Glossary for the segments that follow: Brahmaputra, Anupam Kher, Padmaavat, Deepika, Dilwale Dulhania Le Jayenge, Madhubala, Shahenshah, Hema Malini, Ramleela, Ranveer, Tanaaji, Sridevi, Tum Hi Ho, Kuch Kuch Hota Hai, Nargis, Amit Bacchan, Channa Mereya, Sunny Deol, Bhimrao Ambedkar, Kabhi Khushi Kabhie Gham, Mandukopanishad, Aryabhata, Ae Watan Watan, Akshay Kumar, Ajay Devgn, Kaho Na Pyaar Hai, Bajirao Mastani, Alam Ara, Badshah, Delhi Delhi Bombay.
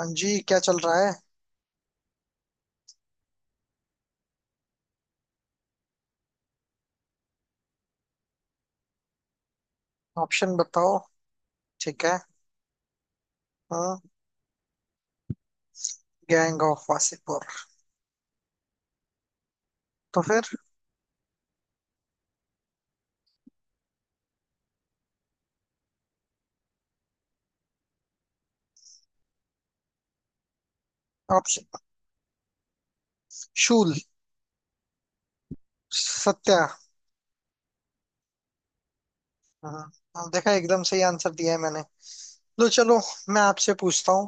हाँ जी, क्या चल रहा है। ऑप्शन बताओ। ठीक है। हाँ। Gang of Wasseypur. तो फिर ऑप्शन? शूल, सत्या। हाँ, अब देखा, एकदम सही आंसर दिया है मैंने। लो, चलो, मैं आपसे पूछता हूँ।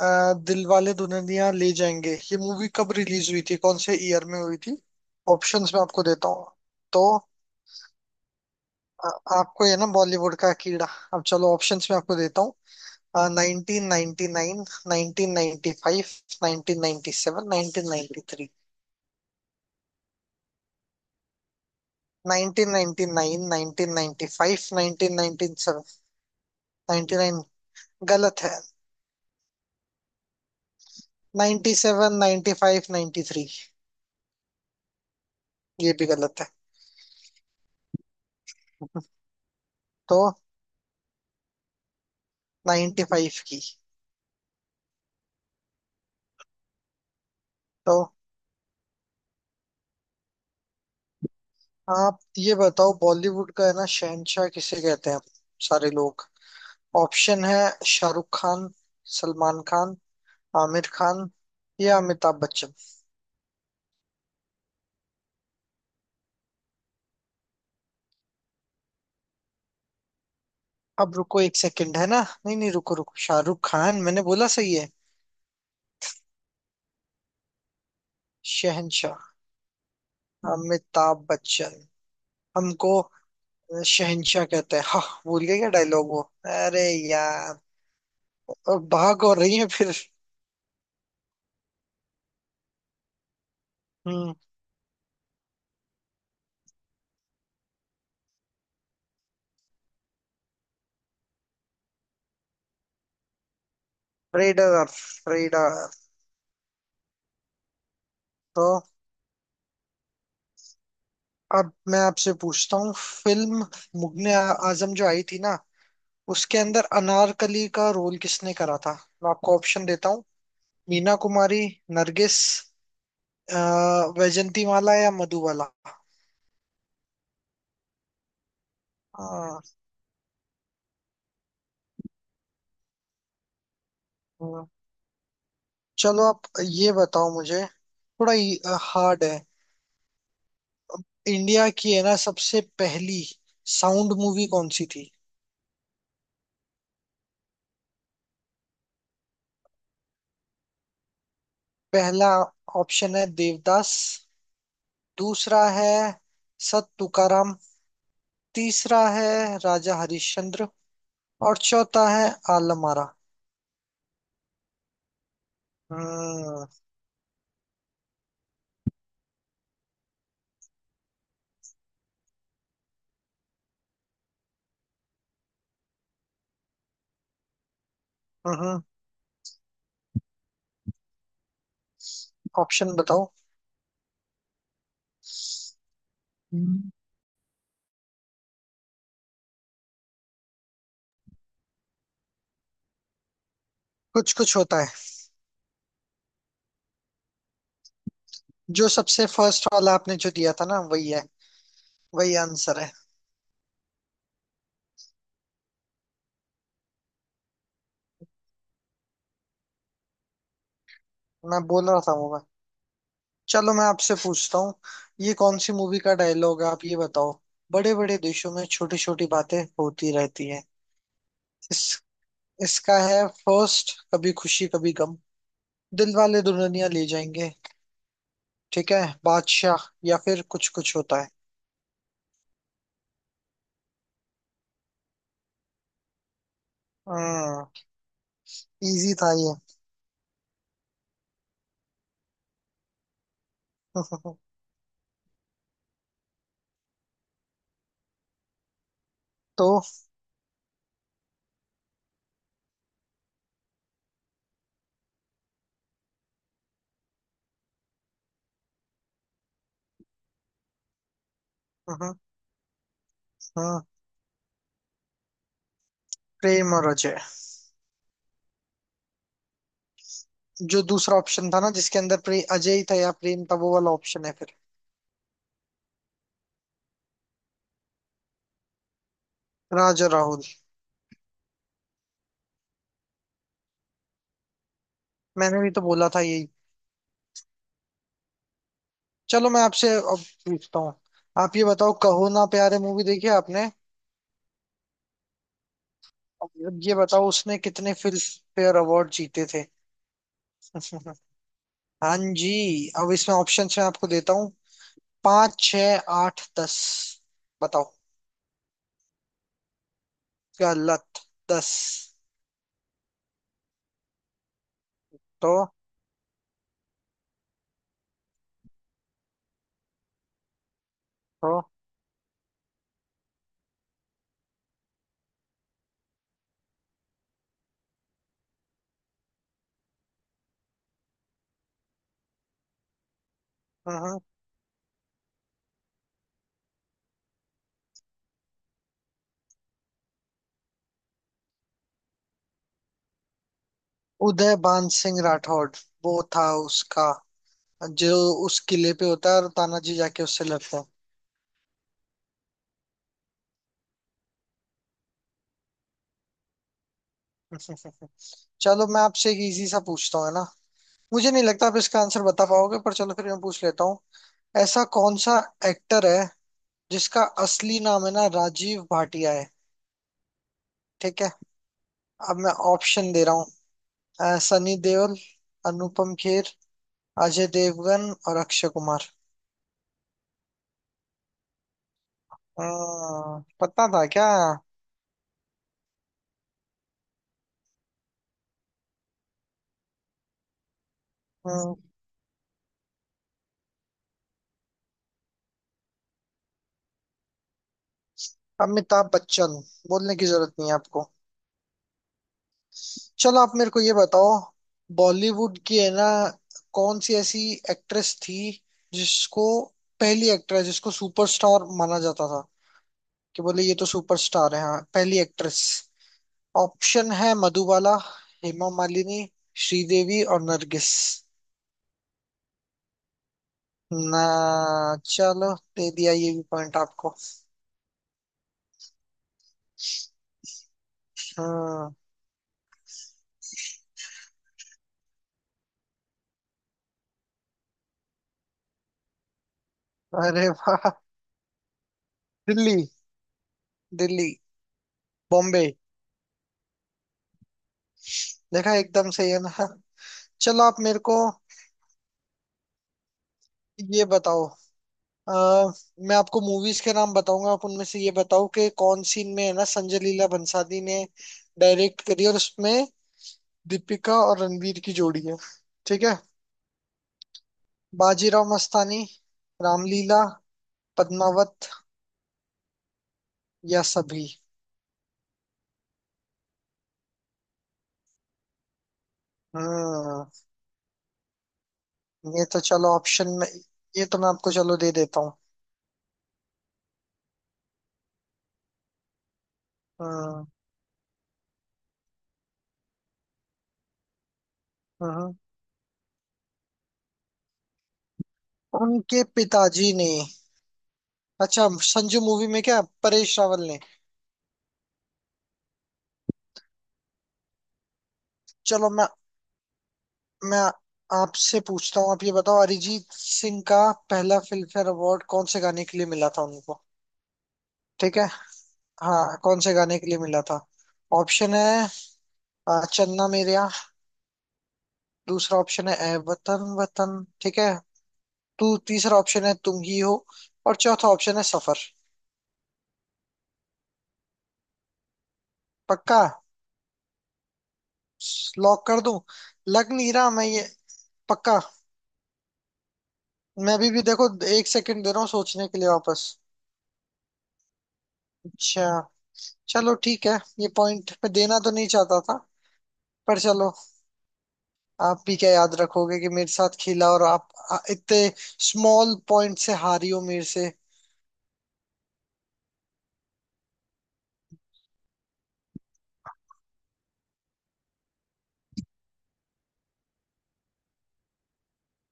दिल वाले दुल्हनिया ले जाएंगे ये मूवी कब रिलीज हुई थी, कौन से ईयर में हुई थी। ऑप्शंस मैं आपको देता हूँ तो। अ, आपको ये ना बॉलीवुड का कीड़ा। अब चलो ऑप्शंस में आपको देता हूँ। Nineteen ninety nine, nineteen ninety five, nineteen ninety seven, nineteen ninety three. 1999, 1995, 1997। गलत है। 97, 95, 93। ये भी गलत है। तो 95 की। तो आप ये बताओ, बॉलीवुड का है ना शहनशाह किसे कहते हैं सारे लोग। ऑप्शन है शाहरुख खान, सलमान खान, आमिर खान या अमिताभ बच्चन। अब रुको, एक सेकंड, है ना। नहीं नहीं, रुको रुको, शाहरुख खान मैंने बोला, सही है। शहनशाह अमिताभ बच्चन। हमको शहनशाह कहता है, हाँ। भूल गए क्या डायलॉग वो। अरे यार, और भाग और रही है फिर। हम्म। रेडर, रेडर। तो अब मैं आपसे पूछता हूँ, फिल्म मुगले आजम जो आई थी ना, उसके अंदर अनारकली का रोल किसने करा था। मैं आपको ऑप्शन देता हूँ। मीना कुमारी, नरगिस, अ, वैजंती माला या मधुबाला। अ, हम्म, चलो, आप ये बताओ मुझे। थोड़ा हार्ड है। इंडिया की है ना सबसे पहली साउंड मूवी कौन सी थी। पहला ऑप्शन है देवदास। दूसरा है सत तुकाराम। तीसरा है राजा हरिश्चंद्र। और चौथा है आलम आरा। हम्म। हम्म, ऑप्शन बताओ। हम्म। कुछ कुछ होता है। जो सबसे फर्स्ट वाला आपने जो दिया था ना, वही है। वही आंसर है। मैं बोल रहा था वो। चलो, मैं आपसे पूछता हूँ, ये कौन सी मूवी का डायलॉग है, आप ये बताओ। बड़े बड़े देशों में छोटी छोटी बातें होती रहती हैं। इस इसका है फर्स्ट, कभी खुशी कभी गम, दिल वाले दुल्हनिया ले जाएंगे, ठीक है, बादशाह या फिर कुछ कुछ होता है। हम्म। इजी था ये। तो। हम्म। हम्म, प्रेम और अजय। जो दूसरा ऑप्शन था ना, जिसके अंदर अजय ही था या प्रेम था, वो वाला ऑप्शन है फिर। राज और राहुल। मैंने भी तो बोला था यही। चलो, मैं आपसे अब पूछता हूँ, आप ये बताओ, कहो ना प्यारे मूवी देखी आपने। अब ये बताओ उसने कितने फिल्म फेयर अवार्ड जीते थे। हाँ जी। अब इसमें ऑप्शंस मैं आपको देता हूँ। पाँच, छ, आठ, दस। बताओ। गलत। 10? तो तो हाँ। उदय बान सिंह राठौड़ वो था उसका, जो उस किले पे होता है और तानाजी जाके उससे लड़ता है। चलो, मैं आपसे एक इजी सा पूछता हूँ, है ना। मुझे नहीं लगता आप इसका आंसर बता पाओगे, पर चलो, फिर मैं पूछ लेता हूँ। ऐसा कौन सा एक्टर है जिसका असली नाम है ना राजीव भाटिया है। ठीक है, अब मैं ऑप्शन दे रहा हूँ। सनी देओल, अनुपम खेर, अजय देवगन और अक्षय कुमार। पता था क्या? हम्म, अमिताभ बच्चन, बोलने की जरूरत नहीं है आपको। चलो, आप मेरे को ये बताओ, बॉलीवुड की है ना कौन सी ऐसी एक्ट्रेस थी जिसको, पहली एक्ट्रेस जिसको सुपरस्टार माना जाता था, कि बोले ये तो सुपरस्टार है, हाँ, पहली एक्ट्रेस। ऑप्शन है मधुबाला, हेमा मालिनी, श्रीदेवी और नरगिस। ना। चलो, दे दिया ये भी पॉइंट आपको। हम्म। अरे वाह! दिल्ली, दिल्ली, बॉम्बे। देखा, एकदम सही है ना। चलो, आप मेरे को ये बताओ। अ, मैं आपको मूवीज के नाम बताऊंगा, आप उनमें से ये बताओ कि कौन सी में है ना संजय लीला भंसाली ने डायरेक्ट करी और उसमें दीपिका और रणवीर की जोड़ी है। ठीक है? बाजीराव मस्तानी, रामलीला, पद्मावत या सभी। हम्म। ये तो चलो ऑप्शन में ये तो मैं आपको चलो दे देता हूँ। हम्म। हम्म। हम्म। उनके पिताजी ने। अच्छा, संजू मूवी में क्या परेश रावल ने? चलो, मैं आपसे पूछता हूँ, आप ये बताओ, अरिजीत सिंह का पहला फिल्मफेयर अवार्ड कौन से गाने के लिए मिला था उनको। ठीक है, हाँ, कौन से गाने के लिए मिला था? ऑप्शन है। चन्ना मेरेया। दूसरा ऑप्शन है ए वतन वतन, ठीक है। तू, तीसरा ऑप्शन है तुम ही हो। और चौथा ऑप्शन है सफर। पक्का? लॉक कर दूं? लग नहीं रहा मैं ये, पक्का। मैं अभी भी देखो एक सेकंड दे रहा हूँ सोचने के लिए वापस। अच्छा, चलो, ठीक है। ये पॉइंट मैं देना तो नहीं चाहता था, पर चलो, आप भी क्या याद रखोगे कि मेरे साथ खेला और आप इतने स्मॉल पॉइंट से हारी हो मेरे से।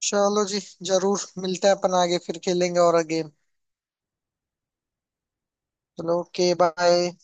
चलो जी, जरूर मिलते हैं, अपन आगे फिर खेलेंगे और अगेन। चलो, ओके, बाय।